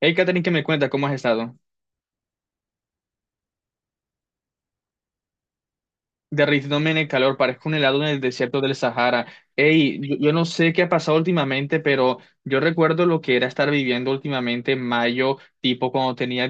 Hey, Catherine, ¿que me cuenta? ¿Cómo has estado? Derritiéndome en el calor, parezco un helado en el desierto del Sahara. Hey, yo no sé qué ha pasado últimamente, pero yo recuerdo lo que era estar viviendo últimamente en mayo, tipo cuando tenía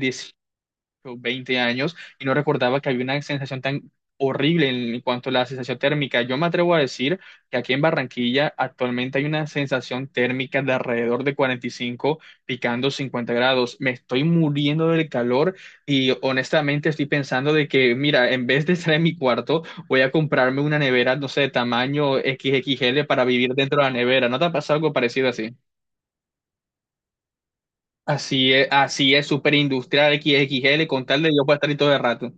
o 20 años y no recordaba que había una sensación tan horrible en cuanto a la sensación térmica. Yo me atrevo a decir que aquí en Barranquilla actualmente hay una sensación térmica de alrededor de 45 picando 50 grados. Me estoy muriendo del calor y honestamente estoy pensando de que, mira, en vez de estar en mi cuarto, voy a comprarme una nevera, no sé, de tamaño XXL para vivir dentro de la nevera. ¿No te ha pasado algo parecido así? Así es, súper industrial XXL con tal de yo poder estar ahí todo el rato.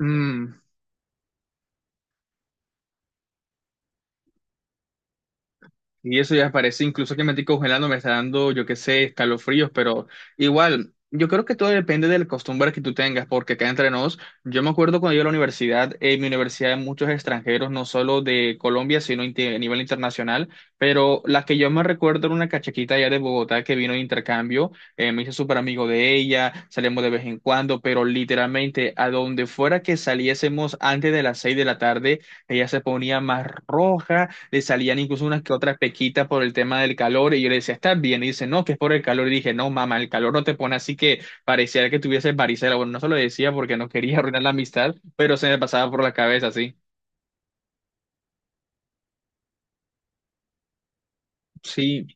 Mm. Y eso ya parece, incluso que me estoy congelando, me está dando, yo qué sé, escalofríos, pero igual, yo creo que todo depende de la costumbre que tú tengas, porque acá entre nos, yo me acuerdo cuando yo a la universidad, en mi universidad hay muchos extranjeros, no solo de Colombia, sino a nivel internacional, pero la que yo me recuerdo era una cachaquita allá de Bogotá que vino de intercambio. Me hice súper amigo de ella, salimos de vez en cuando, pero literalmente a donde fuera que saliésemos antes de las 6 de la tarde, ella se ponía más roja, le salían incluso unas que otras pequitas por el tema del calor y yo le decía, ¿estás bien? Y dice, no, que es por el calor. Y dije, no, mamá, el calor no te pone así, que parecía que tuviese varicela. Bueno, no se lo decía porque no quería arruinar la amistad, pero se me pasaba por la cabeza, sí. Sí,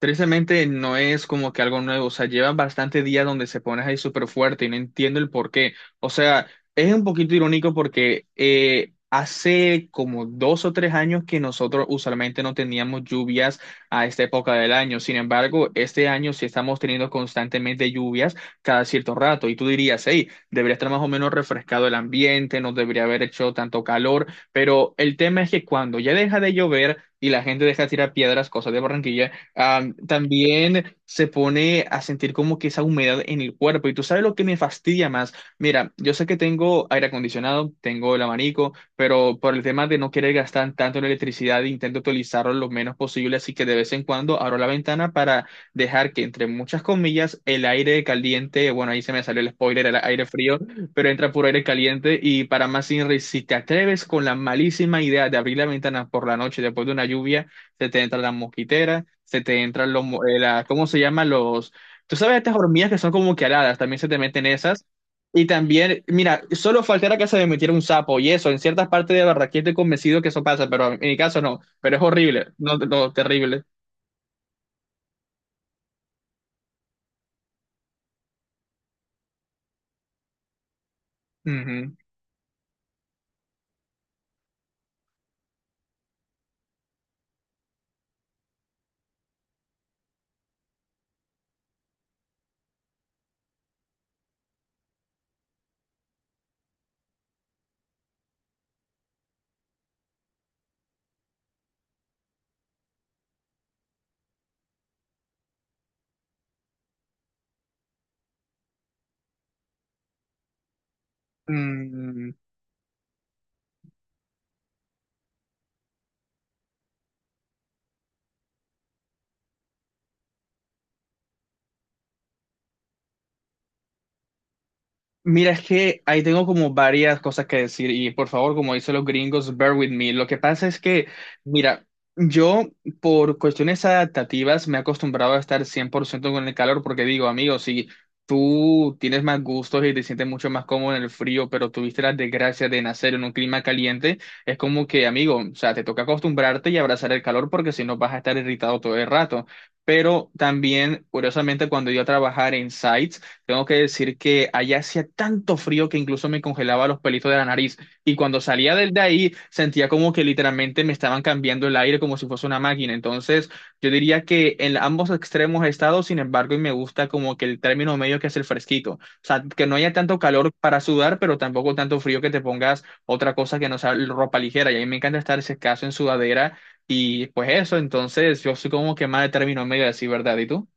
tristemente no es como que algo nuevo, o sea, llevan bastante días donde se pones ahí súper fuerte y no entiendo el por qué. O sea, es un poquito irónico porque hace como 2 o 3 años que nosotros usualmente no teníamos lluvias a esta época del año. Sin embargo, este año sí estamos teniendo constantemente lluvias cada cierto rato y tú dirías, hey, debería estar más o menos refrescado el ambiente, no debería haber hecho tanto calor, pero el tema es que cuando ya deja de llover. Y la gente deja de tirar piedras, cosas de Barranquilla, también se pone a sentir como que esa humedad en el cuerpo. Y tú sabes lo que me fastidia más. Mira, yo sé que tengo aire acondicionado, tengo el abanico, pero por el tema de no querer gastar tanto en electricidad, intento utilizarlo lo menos posible. Así que de vez en cuando abro la ventana para dejar que, entre muchas comillas, el aire caliente, bueno, ahí se me salió el spoiler, el aire frío, pero entra puro aire caliente. Y para más, Inri, si te atreves con la malísima idea de abrir la ventana por la noche después de una lluvia, se te entra la mosquitera, se te entran ¿cómo se llaman los? Tú sabes estas hormigas que son como que aladas, también se te meten esas. Y también, mira, solo faltara que se me metiera un sapo y eso, en ciertas partes de Barranquilla estoy convencido que eso pasa, pero en mi caso no, pero es horrible, no, no, terrible. Ujú. Mm. Mira, es que ahí tengo como varias cosas que decir y por favor, como dicen los gringos, bear with me. Lo que pasa es que, mira, yo por cuestiones adaptativas me he acostumbrado a estar 100% con el calor porque digo, amigo, si tú tienes más gustos y te sientes mucho más cómodo en el frío, pero tuviste la desgracia de nacer en un clima caliente, es como que, amigo, o sea, te toca acostumbrarte y abrazar el calor porque si no vas a estar irritado todo el rato. Pero también, curiosamente, cuando yo a trabajar en sites, tengo que decir que allá hacía tanto frío que incluso me congelaba los pelitos de la nariz. Y cuando salía del de ahí, sentía como que literalmente me estaban cambiando el aire como si fuese una máquina. Entonces, yo diría que en ambos extremos he estado, sin embargo, y me gusta como que el término medio que es el fresquito. O sea, que no haya tanto calor para sudar, pero tampoco tanto frío que te pongas otra cosa que no sea ropa ligera. Y a mí me encanta estar ese caso en sudadera. Y pues eso, entonces, yo soy como que más de término medio, así, ¿verdad? ¿Y tú?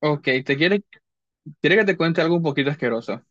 Ok, te quiero quiero que te cuente algo un poquito asqueroso.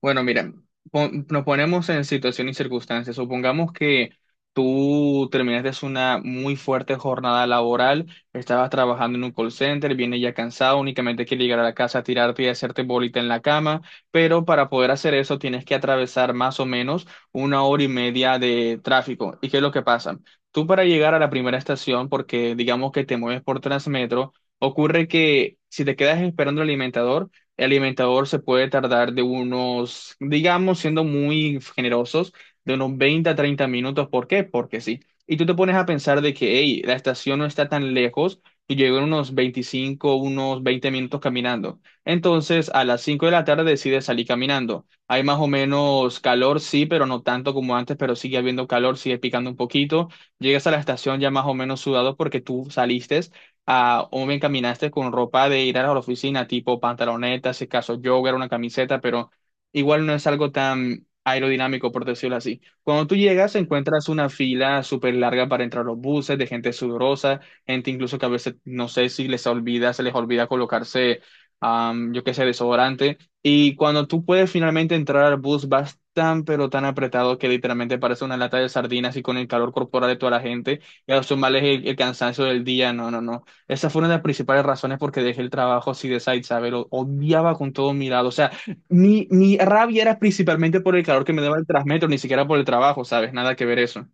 Bueno, mira, nos ponemos en situación y circunstancias. Supongamos que tú terminaste una muy fuerte jornada laboral, estabas trabajando en un call center, vienes ya cansado, únicamente quieres llegar a la casa, tirarte y hacerte bolita en la cama, pero para poder hacer eso tienes que atravesar más o menos una hora y media de tráfico. ¿Y qué es lo que pasa? Tú para llegar a la primera estación, porque digamos que te mueves por Transmetro, ocurre que si te quedas esperando el alimentador se puede tardar de unos, digamos, siendo muy generosos, de unos 20 a 30 minutos. ¿Por qué? Porque sí. Y tú te pones a pensar de que, hey, la estación no está tan lejos y llego en unos 25, unos 20 minutos caminando. Entonces, a las 5 de la tarde decides salir caminando. Hay más o menos calor, sí, pero no tanto como antes, pero sigue habiendo calor, sigue picando un poquito. Llegas a la estación ya más o menos sudado porque tú saliste a o bien caminaste con ropa de ir a la oficina, tipo pantaloneta, si acaso jogger, una camiseta, pero igual no es algo tan aerodinámico, por decirlo así. Cuando tú llegas, encuentras una fila súper larga para entrar a los buses, de gente sudorosa, gente incluso que a veces, no sé si les olvida, se les olvida colocarse, yo qué sé, desodorante. Y cuando tú puedes finalmente entrar al bus, vas tan, pero tan apretado que literalmente parece una lata de sardinas y con el calor corporal de toda la gente, y el cansancio del día, no, no, no. Esa fue una de las principales razones porque dejé el trabajo así de side, ¿sabes? Lo odiaba con todo mi lado. O sea, mi rabia era principalmente por el calor que me daba el Transmetro, ni siquiera por el trabajo, ¿sabes? Nada que ver eso.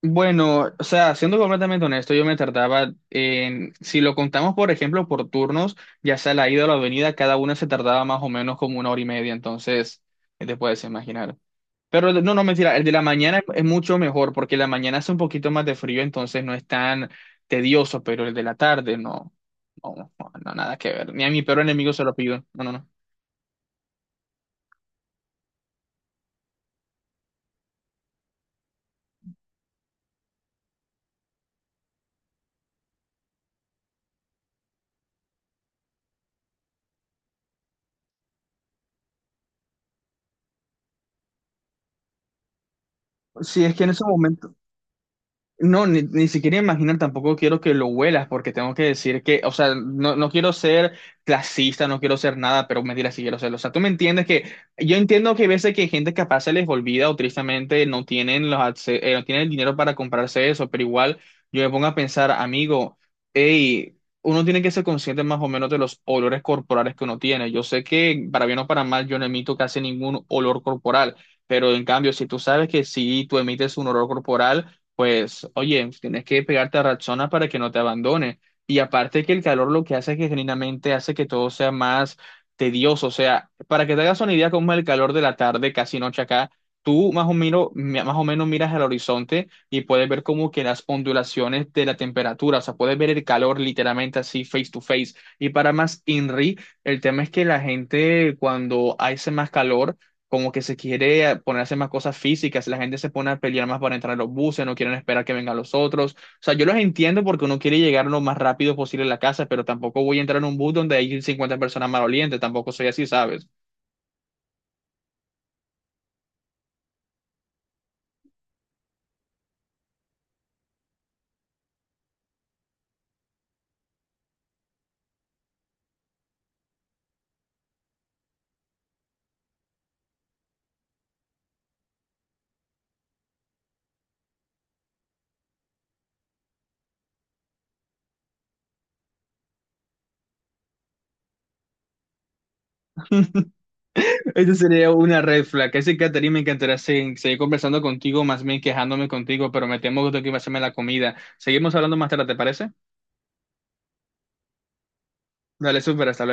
Bueno, o sea, siendo completamente honesto, yo me tardaba en, si lo contamos, por ejemplo, por turnos, ya sea la ida o la venida, cada una se tardaba más o menos como una hora y media. Entonces, ¿qué te puedes imaginar? Pero no, no, mentira, el de la mañana es mucho mejor porque la mañana hace un poquito más de frío, entonces no es tan tedioso, pero el de la tarde no, no, no, no, nada que ver. Ni a mi peor enemigo se lo pido. No, no, no. Sí, es que en esos momentos. No, ni siquiera imaginar, tampoco quiero que lo huelas, porque tengo que decir que, o sea, no, no quiero ser clasista, no quiero ser nada, pero mentira, sí quiero serlo. O sea, tú me entiendes que yo entiendo que hay veces que hay gente capaz se les olvida o tristemente no tienen los, no tienen el dinero para comprarse eso, pero igual yo me pongo a pensar, amigo, hey, uno tiene que ser consciente más o menos de los olores corporales que uno tiene. Yo sé que, para bien o para mal, yo no emito casi ningún olor corporal, pero en cambio, si tú sabes que si tú emites un olor corporal, pues, oye, tienes que pegarte a Rexona para que no te abandone. Y aparte que el calor lo que hace es que genuinamente hace que todo sea más tedioso. O sea, para que te hagas una idea cómo es el calor de la tarde, casi noche acá, tú más o menos, más o menos miras al horizonte y puedes ver como que las ondulaciones de la temperatura, o sea, puedes ver el calor literalmente así face to face. Y para más INRI, el tema es que la gente cuando hace más calor como que se quiere ponerse más cosas físicas, la gente se pone a pelear más para entrar a los buses, no quieren esperar que vengan los otros. O sea, yo los entiendo porque uno quiere llegar lo más rápido posible a la casa, pero tampoco voy a entrar en un bus donde hay 50 personas malolientes, tampoco soy así, ¿sabes? Eso sería una red flag. Ese Caterina me encantaría seguir conversando contigo, más bien quejándome contigo, pero me temo que tengo que ir a hacerme la comida. Seguimos hablando más tarde, ¿te parece? Dale, súper, hasta luego.